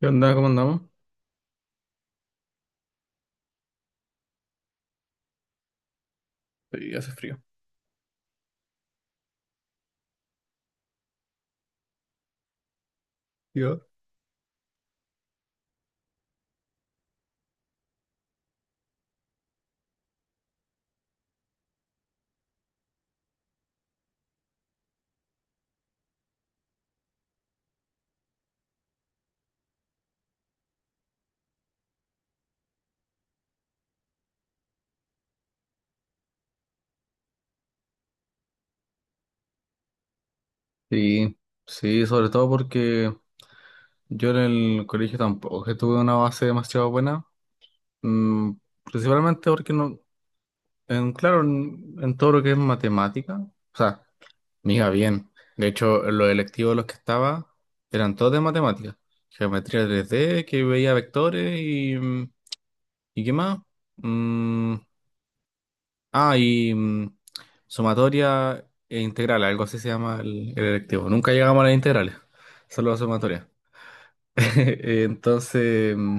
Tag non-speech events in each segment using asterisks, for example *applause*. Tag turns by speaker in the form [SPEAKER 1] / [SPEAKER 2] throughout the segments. [SPEAKER 1] ¿Qué onda? ¿Cómo andamos? Y hace frío. Yo. Sí, sí, sobre todo porque yo en el colegio tampoco que tuve una base demasiado buena, mm, principalmente porque no, en, claro, en todo lo que es matemática, o sea, me iba bien. De hecho, en los electivos en los que estaba eran todos de matemática, geometría 3D, que veía vectores y, ¿y qué más? mm, Ah, y sumatoria e integral, algo así se llama el electivo. Nunca llegamos a las integrales, solo a sumatoria. *laughs* Entonces,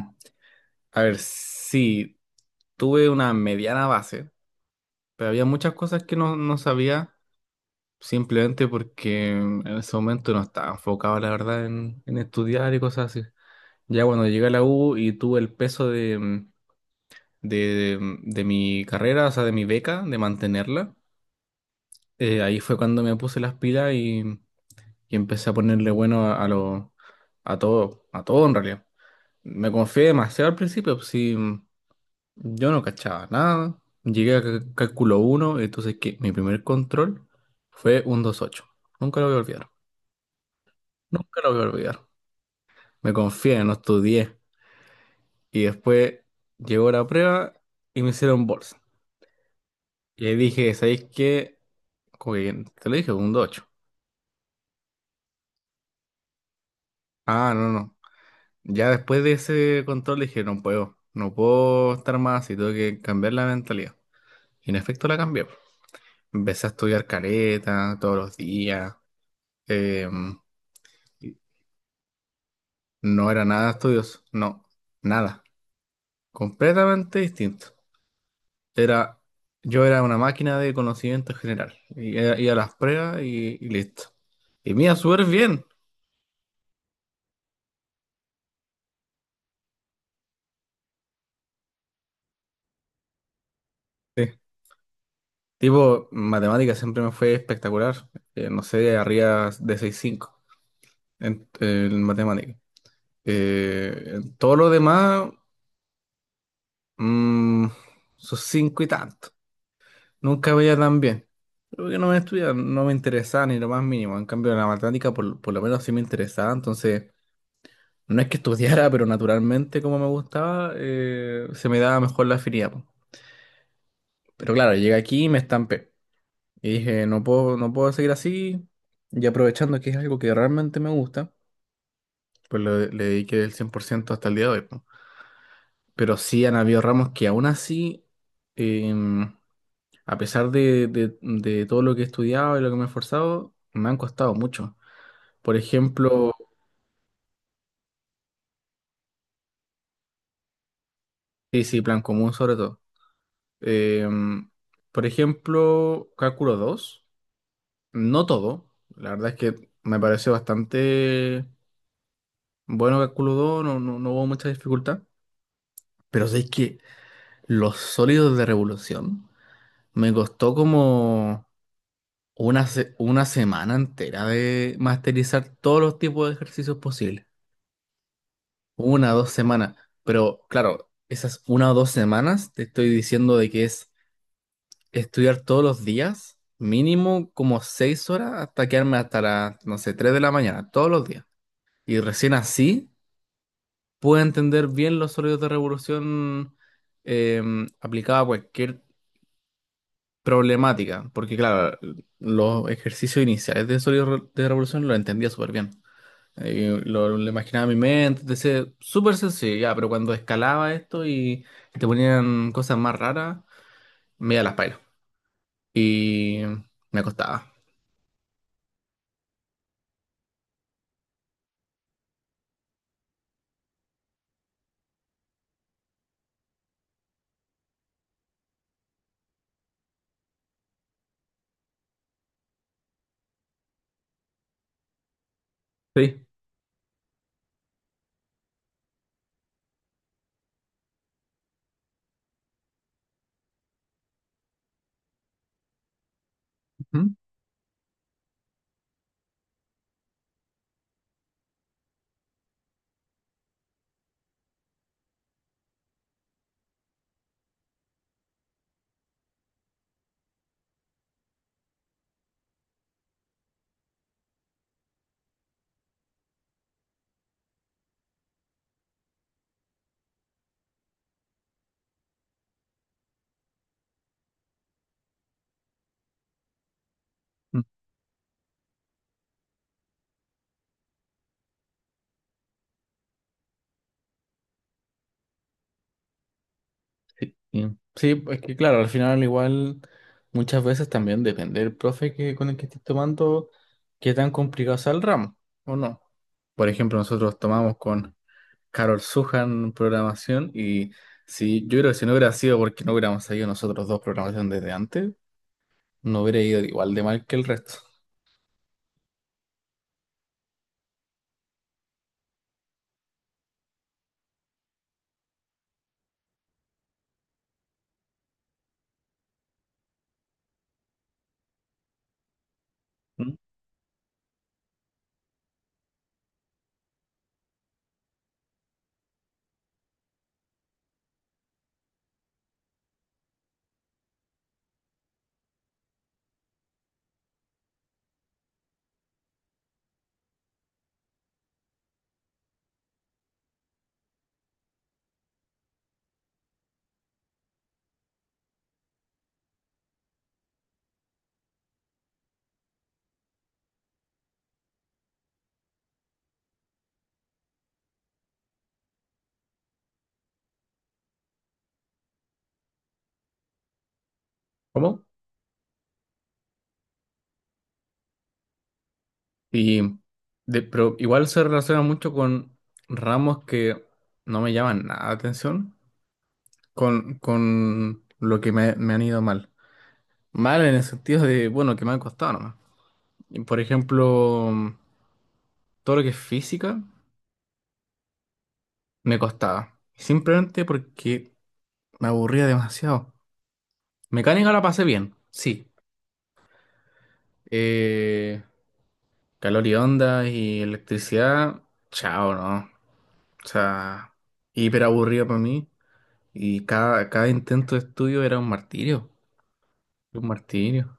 [SPEAKER 1] a ver, sí, tuve una mediana base, pero había muchas cosas que no, no sabía, simplemente porque en ese momento no estaba enfocado, la verdad, en estudiar y cosas así. Ya cuando llegué a la U y tuve el peso de mi carrera, o sea, de mi beca, de mantenerla. Ahí fue cuando me puse las pilas y, empecé a ponerle bueno a todo en realidad. Me confié demasiado al principio, pues, sí, yo no cachaba nada. Llegué a cálculo uno. Entonces que mi primer control fue un 2.8. Nunca lo voy a olvidar. Nunca lo voy a olvidar. Me confié, no estudié. Y después llegó la prueba y me hicieron bolsa. Y ahí dije, ¿sabéis qué? Como que te lo dije, un 2.8. Ah, no, no. Ya después de ese control dije, no puedo, no puedo estar más así, tengo que cambiar la mentalidad. Y en efecto la cambié. Po. Empecé a estudiar careta todos los días. eh, no era nada estudioso, no, nada. Completamente distinto. Era, yo era una máquina de conocimiento general. Y iba a las pruebas y listo. Y me iba súper bien. Sí. Tipo, matemáticas siempre me fue espectacular. No sé, arriba de 6.5 en, matemáticas. En todo lo demás, mm, sus cinco y tanto. Nunca veía tan bien. Creo que no me estudiaba, no me interesaba ni lo más mínimo. En cambio, la matemática por lo menos sí me interesaba. Entonces, no es que estudiara, *laughs* pero naturalmente como me gustaba, se me daba mejor la afinidad. Po. Pero claro, llegué aquí y me estampé. Y dije, no puedo, no puedo seguir así. Y aprovechando que es algo que realmente me gusta, pues le dediqué el 100% hasta el día de hoy. Po. Pero sí han habido ramos que aún así, em, a pesar de todo lo que he estudiado y lo que me he esforzado, me han costado mucho. Por ejemplo, sí, sí, plan común sobre todo. Em, por ejemplo, cálculo 2 no todo. La verdad es que me pareció bastante bueno cálculo 2 no, no, no hubo mucha dificultad. Pero sé que los sólidos de revolución me costó como una semana entera de masterizar todos los tipos de ejercicios posibles. Una o dos semanas. Pero claro, esas una o dos semanas te estoy diciendo de que es estudiar todos los días, mínimo como 6 horas hasta quedarme hasta las, no sé, 3 de la mañana, todos los días. Y recién así puedo entender bien los sólidos de revolución eh, aplicada a cualquier problemática. Porque claro, los ejercicios iniciales de sólidos de revolución los entendía súper bien. Lo imaginaba en mi mente, decía, súper sencillo, ya, pero cuando escalaba esto y, te ponían cosas más raras, me iba a las pailas. Y me acostaba. Sí. Ujú. Mm, sí, sí. Sí, es que claro, al final igual muchas veces también depende del profe con el que estés tomando, qué tan complicado sea el ramo o no. Por ejemplo, nosotros tomamos con Carol Sujan programación y si yo creo que si no hubiera sido porque no hubiéramos seguido nosotros dos programación desde antes, no hubiera ido igual de mal que el resto. ¿Mm? ¿Cómo? Y pero igual se relaciona mucho con ramos que no me llaman nada la atención, con lo que me han ido mal. Mal en el sentido de, bueno, que me han costado nomás. Por ejemplo, todo lo que es física me costaba. Simplemente porque me aburría demasiado. Mecánica la pasé bien, sí. Eh, calor y onda y electricidad, chao, ¿no? O sea, hiper aburrido para mí. Y cada intento de estudio era un martirio. Un martirio.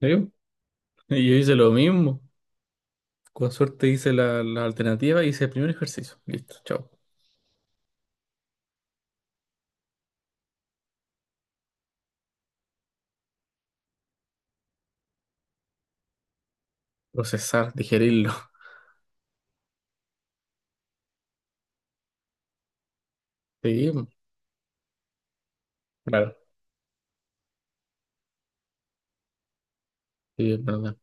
[SPEAKER 1] ¿Sí? Y yo hice lo mismo. Con suerte hice la alternativa y hice el primer ejercicio. Listo, chao. Procesar, digerirlo. *laughs* Sí, po. Claro. Sí, es verdad.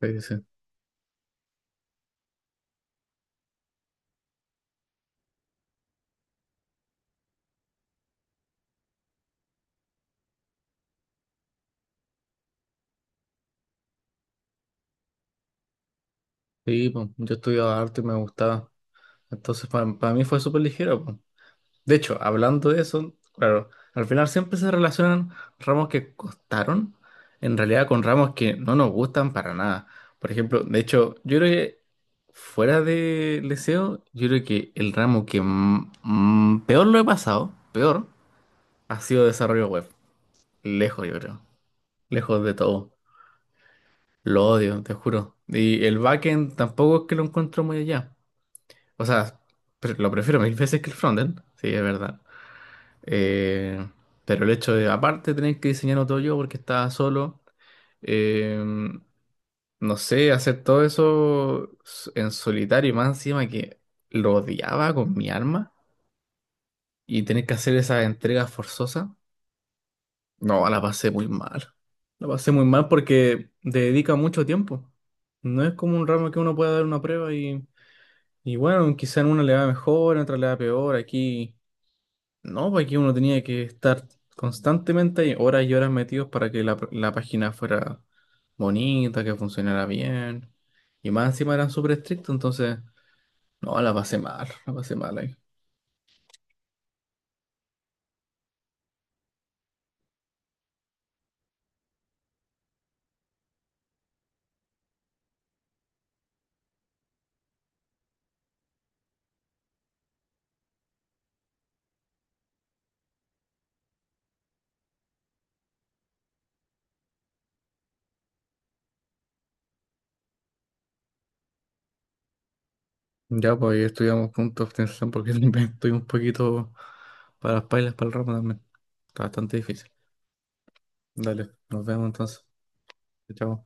[SPEAKER 1] Sí, sí. Sí, po. Yo estudiaba arte y me gustaba. Entonces, para mí fue súper ligero. Po. De hecho, hablando de eso, claro, al final siempre se relacionan ramos que costaron, en realidad con ramos que no nos gustan para nada. Por ejemplo, de hecho, yo creo que fuera de Leseo, yo creo que el ramo que peor lo he pasado, peor, ha sido desarrollo web. Lejos, yo creo. Lejos de todo. Lo odio, te juro. Y el backend tampoco es que lo encuentro muy allá. O sea, lo prefiero mil veces que el frontend, sí, es verdad. Eh, pero el hecho de, aparte, tener que diseñarlo todo yo porque estaba solo, eh, no sé, hacer todo eso en solitario y más encima que lo odiaba con mi alma y tener que hacer esas entregas forzosas, no, la pasé muy mal. La pasé muy mal porque te dedica mucho tiempo. No es como un ramo que uno pueda dar una prueba y, bueno, quizá en una le va mejor, en otra le va peor. Aquí. No, porque uno tenía que estar constantemente ahí, horas y horas metidos para que la página fuera bonita, que funcionara bien. Y más encima eran súper estrictos, entonces, no, la pasé mal ahí. Ya, pues ahí estudiamos puntos de obtención porque *laughs* también estoy un poquito para las pailas, para el ramo también. Está bastante difícil. Dale, nos vemos entonces. Chao.